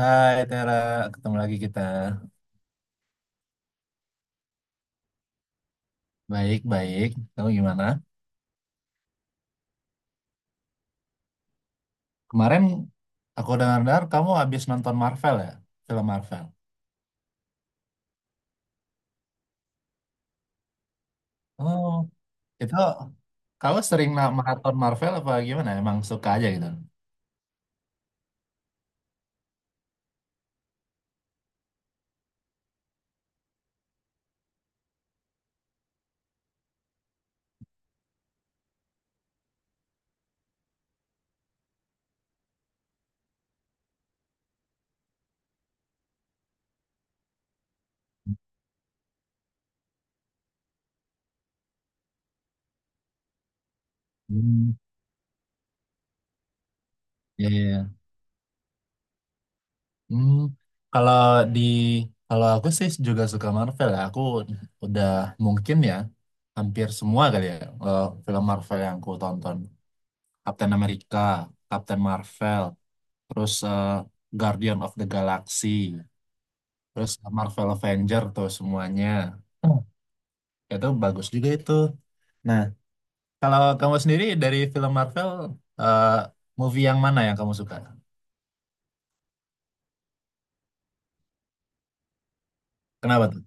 Hai Tera, ketemu lagi kita. Baik-baik, kamu gimana? Kemarin aku dengar-dengar kamu habis nonton Marvel ya, film Marvel. Oh, itu kamu sering maraton Marvel apa gimana? Emang suka aja gitu? Hmm, iya, iya, iya. Hmm, kalau di kalau aku sih juga suka Marvel ya. Aku udah mungkin ya hampir semua kali ya film Marvel yang aku tonton. Captain America, Captain Marvel. Terus Guardian of the Galaxy, terus Marvel Avenger tuh semuanya. Hmm. Itu bagus juga itu. Nah, kalau kamu sendiri dari film Marvel, eh, movie yang mana yang kamu suka? Kenapa tuh?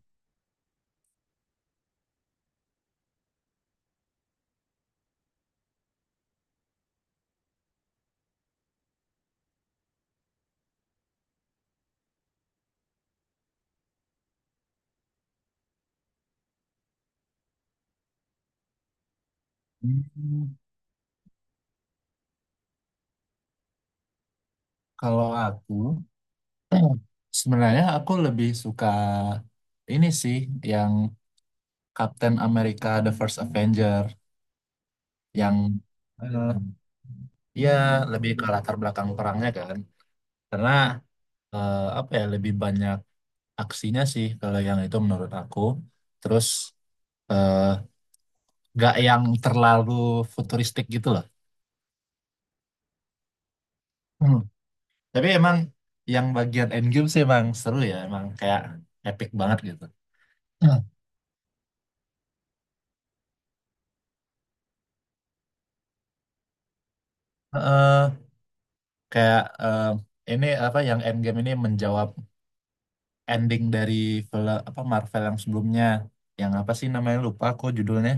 Hmm, kalau aku, sebenarnya aku lebih suka ini sih, yang Captain America The First Avenger, yang eh, ya lebih ke latar belakang perangnya kan. Karena apa ya lebih banyak aksinya sih kalau yang itu menurut aku. Terus eh, nggak yang terlalu futuristik gitu loh. Hmm. Tapi emang yang bagian endgame sih emang seru ya, emang kayak epic banget gitu. Hmm. Eh, kayak eh, ini apa yang endgame ini menjawab ending dari film apa Marvel yang sebelumnya, yang apa sih namanya lupa aku judulnya,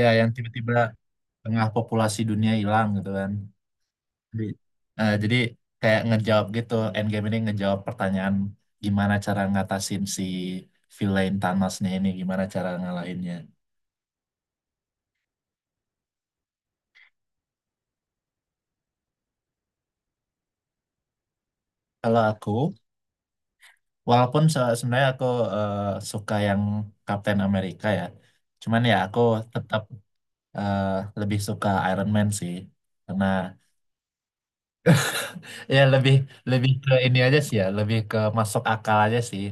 ya yang tiba-tiba tengah populasi dunia hilang gitu kan. Jadi jadi kayak ngejawab gitu, Endgame ini ngejawab pertanyaan gimana cara ngatasin si villain Thanosnya ini, gimana cara ngalahinnya. Kalau aku, walaupun sebenarnya aku eh, suka yang Captain America ya, cuman ya aku tetap eh, lebih suka Iron Man sih, karena ya lebih, lebih ke ini aja sih ya, lebih ke masuk akal aja sih.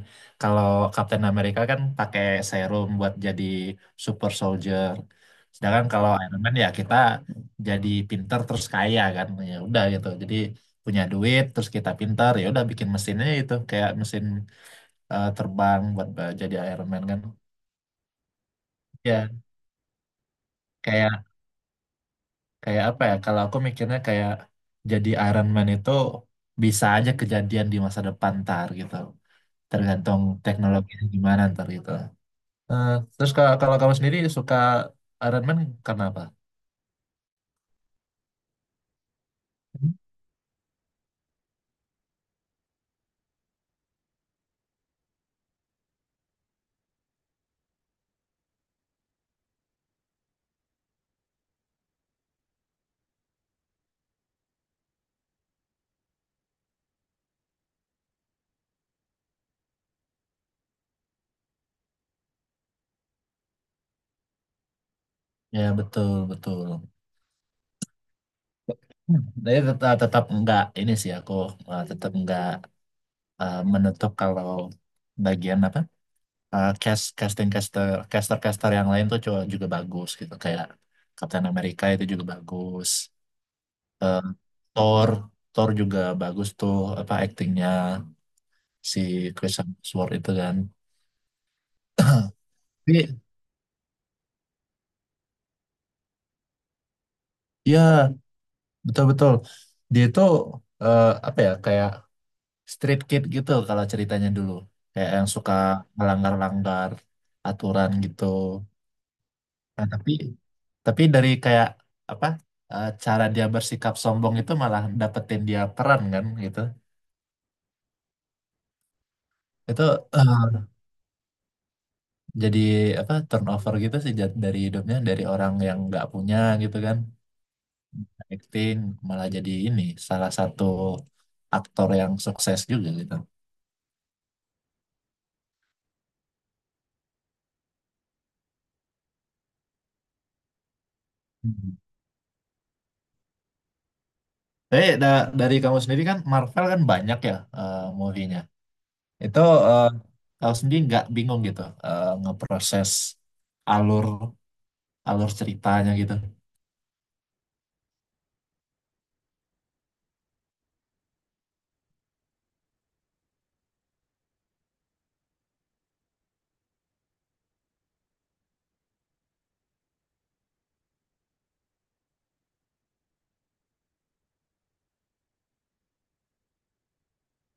Kalau Captain America kan pakai serum buat jadi super soldier. Sedangkan kalau Iron Man ya kita jadi pinter terus kaya kan. Ya udah gitu. Jadi punya duit terus kita pinter ya udah bikin mesinnya itu kayak mesin terbang buat jadi Iron Man kan. Ya kayak, kayak apa ya? Kalau aku mikirnya kayak jadi Iron Man itu bisa aja kejadian di masa depan ntar gitu. Tergantung teknologinya gimana ntar gitu. Eh, terus kalau, kalau kamu sendiri suka Iron Man karena apa? Ya betul betul. Hmm. Tapi tetap, ah, tetap enggak ini sih aku, tetap enggak menutup kalau bagian apa, cast, casting, caster caster caster yang lain tuh juga, juga bagus gitu kayak Captain America itu juga bagus. Eh, Thor Thor juga bagus tuh, apa aktingnya si Chris Hemsworth itu kan. Tapi ya betul betul. Dia itu apa ya kayak street kid gitu kalau ceritanya dulu. Kayak yang suka melanggar-langgar aturan gitu. Nah, tapi dari kayak apa cara dia bersikap sombong itu malah dapetin dia peran kan gitu. Itu eh, jadi apa turnover gitu sih, dari hidupnya dari orang yang nggak punya gitu kan. Acting malah jadi ini salah satu aktor yang sukses juga gitu. Tapi dari kamu sendiri kan Marvel kan banyak ya movie-nya. Itu eh, kamu sendiri nggak bingung gitu ngeproses alur alur ceritanya gitu.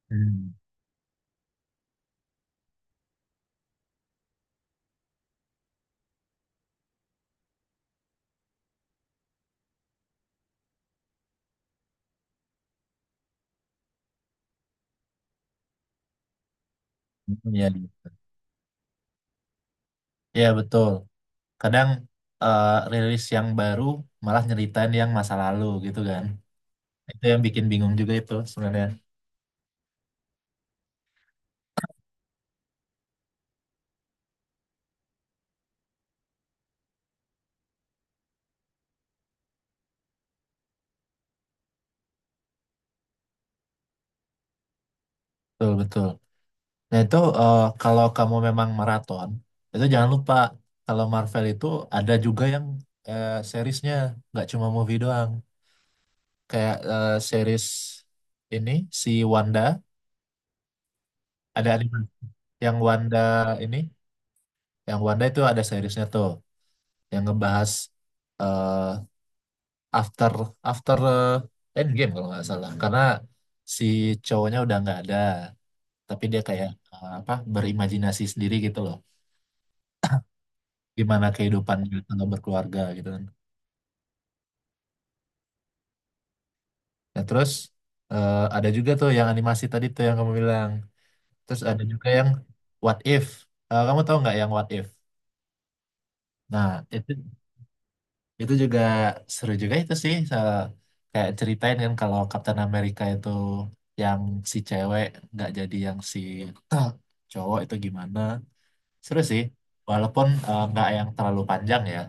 Hmm, iya, iya, iya, betul. Kadang rilis yang baru malah nyeritain yang masa lalu gitu kan. Itu yang bikin bingung juga itu sebenarnya. Betul, betul. Nah itu kalau kamu memang maraton, itu jangan lupa kalau Marvel itu ada juga yang seriesnya, nggak cuma movie doang. Kayak series ini si Wanda, ada anime yang Wanda ini, yang Wanda itu ada seriesnya tuh, yang ngebahas eh, after after eh, Endgame kalau nggak salah, karena si cowoknya udah nggak ada, tapi dia kayak apa berimajinasi sendiri gitu loh, gimana kehidupannya kalau berkeluarga gitu kan. Nah terus ada juga tuh yang animasi tadi tuh yang kamu bilang. Terus ada juga yang What If. Eh, kamu tahu nggak yang What If. Nah, itu itu juga seru juga itu sih, soal kayak ceritain kan kalau Captain America itu yang si cewek nggak jadi, yang si cowok itu gimana. Seru sih walaupun nggak yang terlalu panjang ya.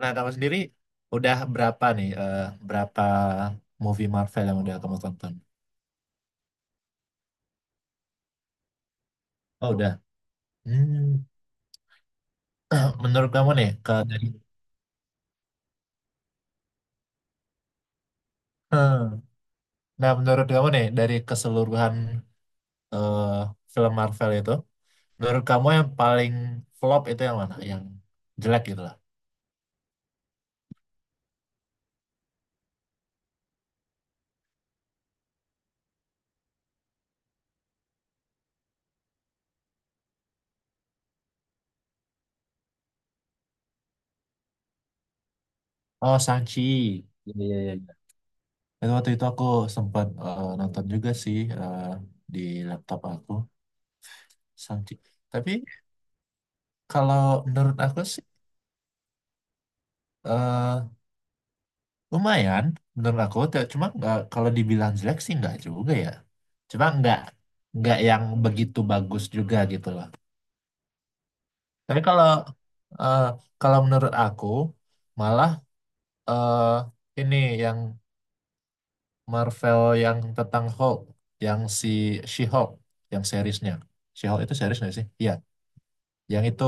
Nah kamu sendiri udah berapa nih berapa movie Marvel yang udah kamu tonton. Oh udah. Hmm. Menurut kamu nih ke dari hmm, nah menurut kamu nih dari keseluruhan eh, film Marvel itu, menurut kamu yang paling flop itu yang mana? Yang jelek gitu lah. Oh, Shang-Chi. Iya, iya, iya, iya. Itu waktu itu aku sempat nonton juga sih di laptop aku, Shang-Chi. Tapi kalau menurut aku sih eh, lumayan. Menurut aku, cuma nggak, kalau dibilang jelek sih nggak juga ya. Cuma nggak yang begitu bagus juga gitu lah. Tapi kalau eh, kalau menurut aku malah eh, ini yang Marvel yang tentang Hulk, yang si She-Hulk, yang seriesnya. She-Hulk itu series nggak sih? Iya, yang itu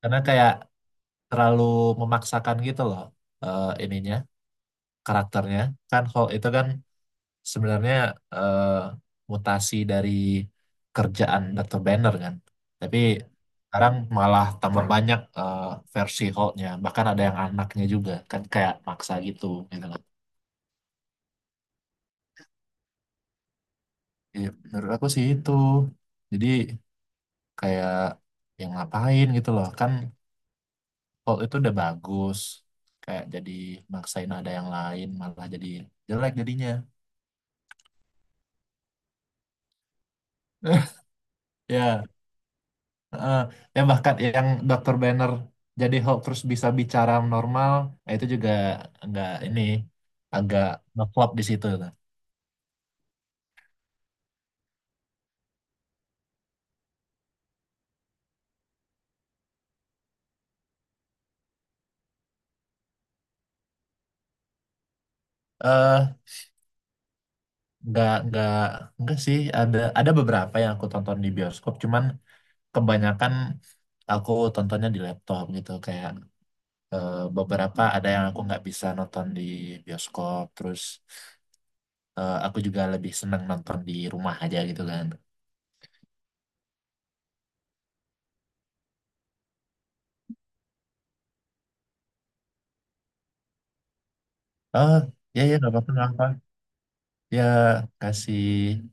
karena kayak terlalu memaksakan gitu loh ininya, karakternya. Kan Hulk itu kan sebenarnya eh, mutasi dari kerjaan Dr. Banner kan. Tapi sekarang malah tambah banyak versi Hulk-nya, bahkan ada yang anaknya juga kan kayak maksa gitu gitu loh. Iya, menurut aku sih itu. Jadi kayak yang ngapain gitu loh kan, Paul itu udah bagus, kayak jadi maksain ada yang lain malah jadi jelek jadinya. Ya eh, ya bahkan yang dokter Banner jadi Hulk terus bisa bicara normal, itu juga nggak ini, agak ngeflop di situ tuh. eh nggak nggak sih, ada beberapa yang aku tonton di bioskop, cuman kebanyakan aku tontonnya di laptop gitu. Kayak beberapa ada yang aku nggak bisa nonton di bioskop, terus aku juga lebih senang nonton di rumah aja gitu kan. Oh ya, ya nggak apa-apa, nggak apa, ya kasih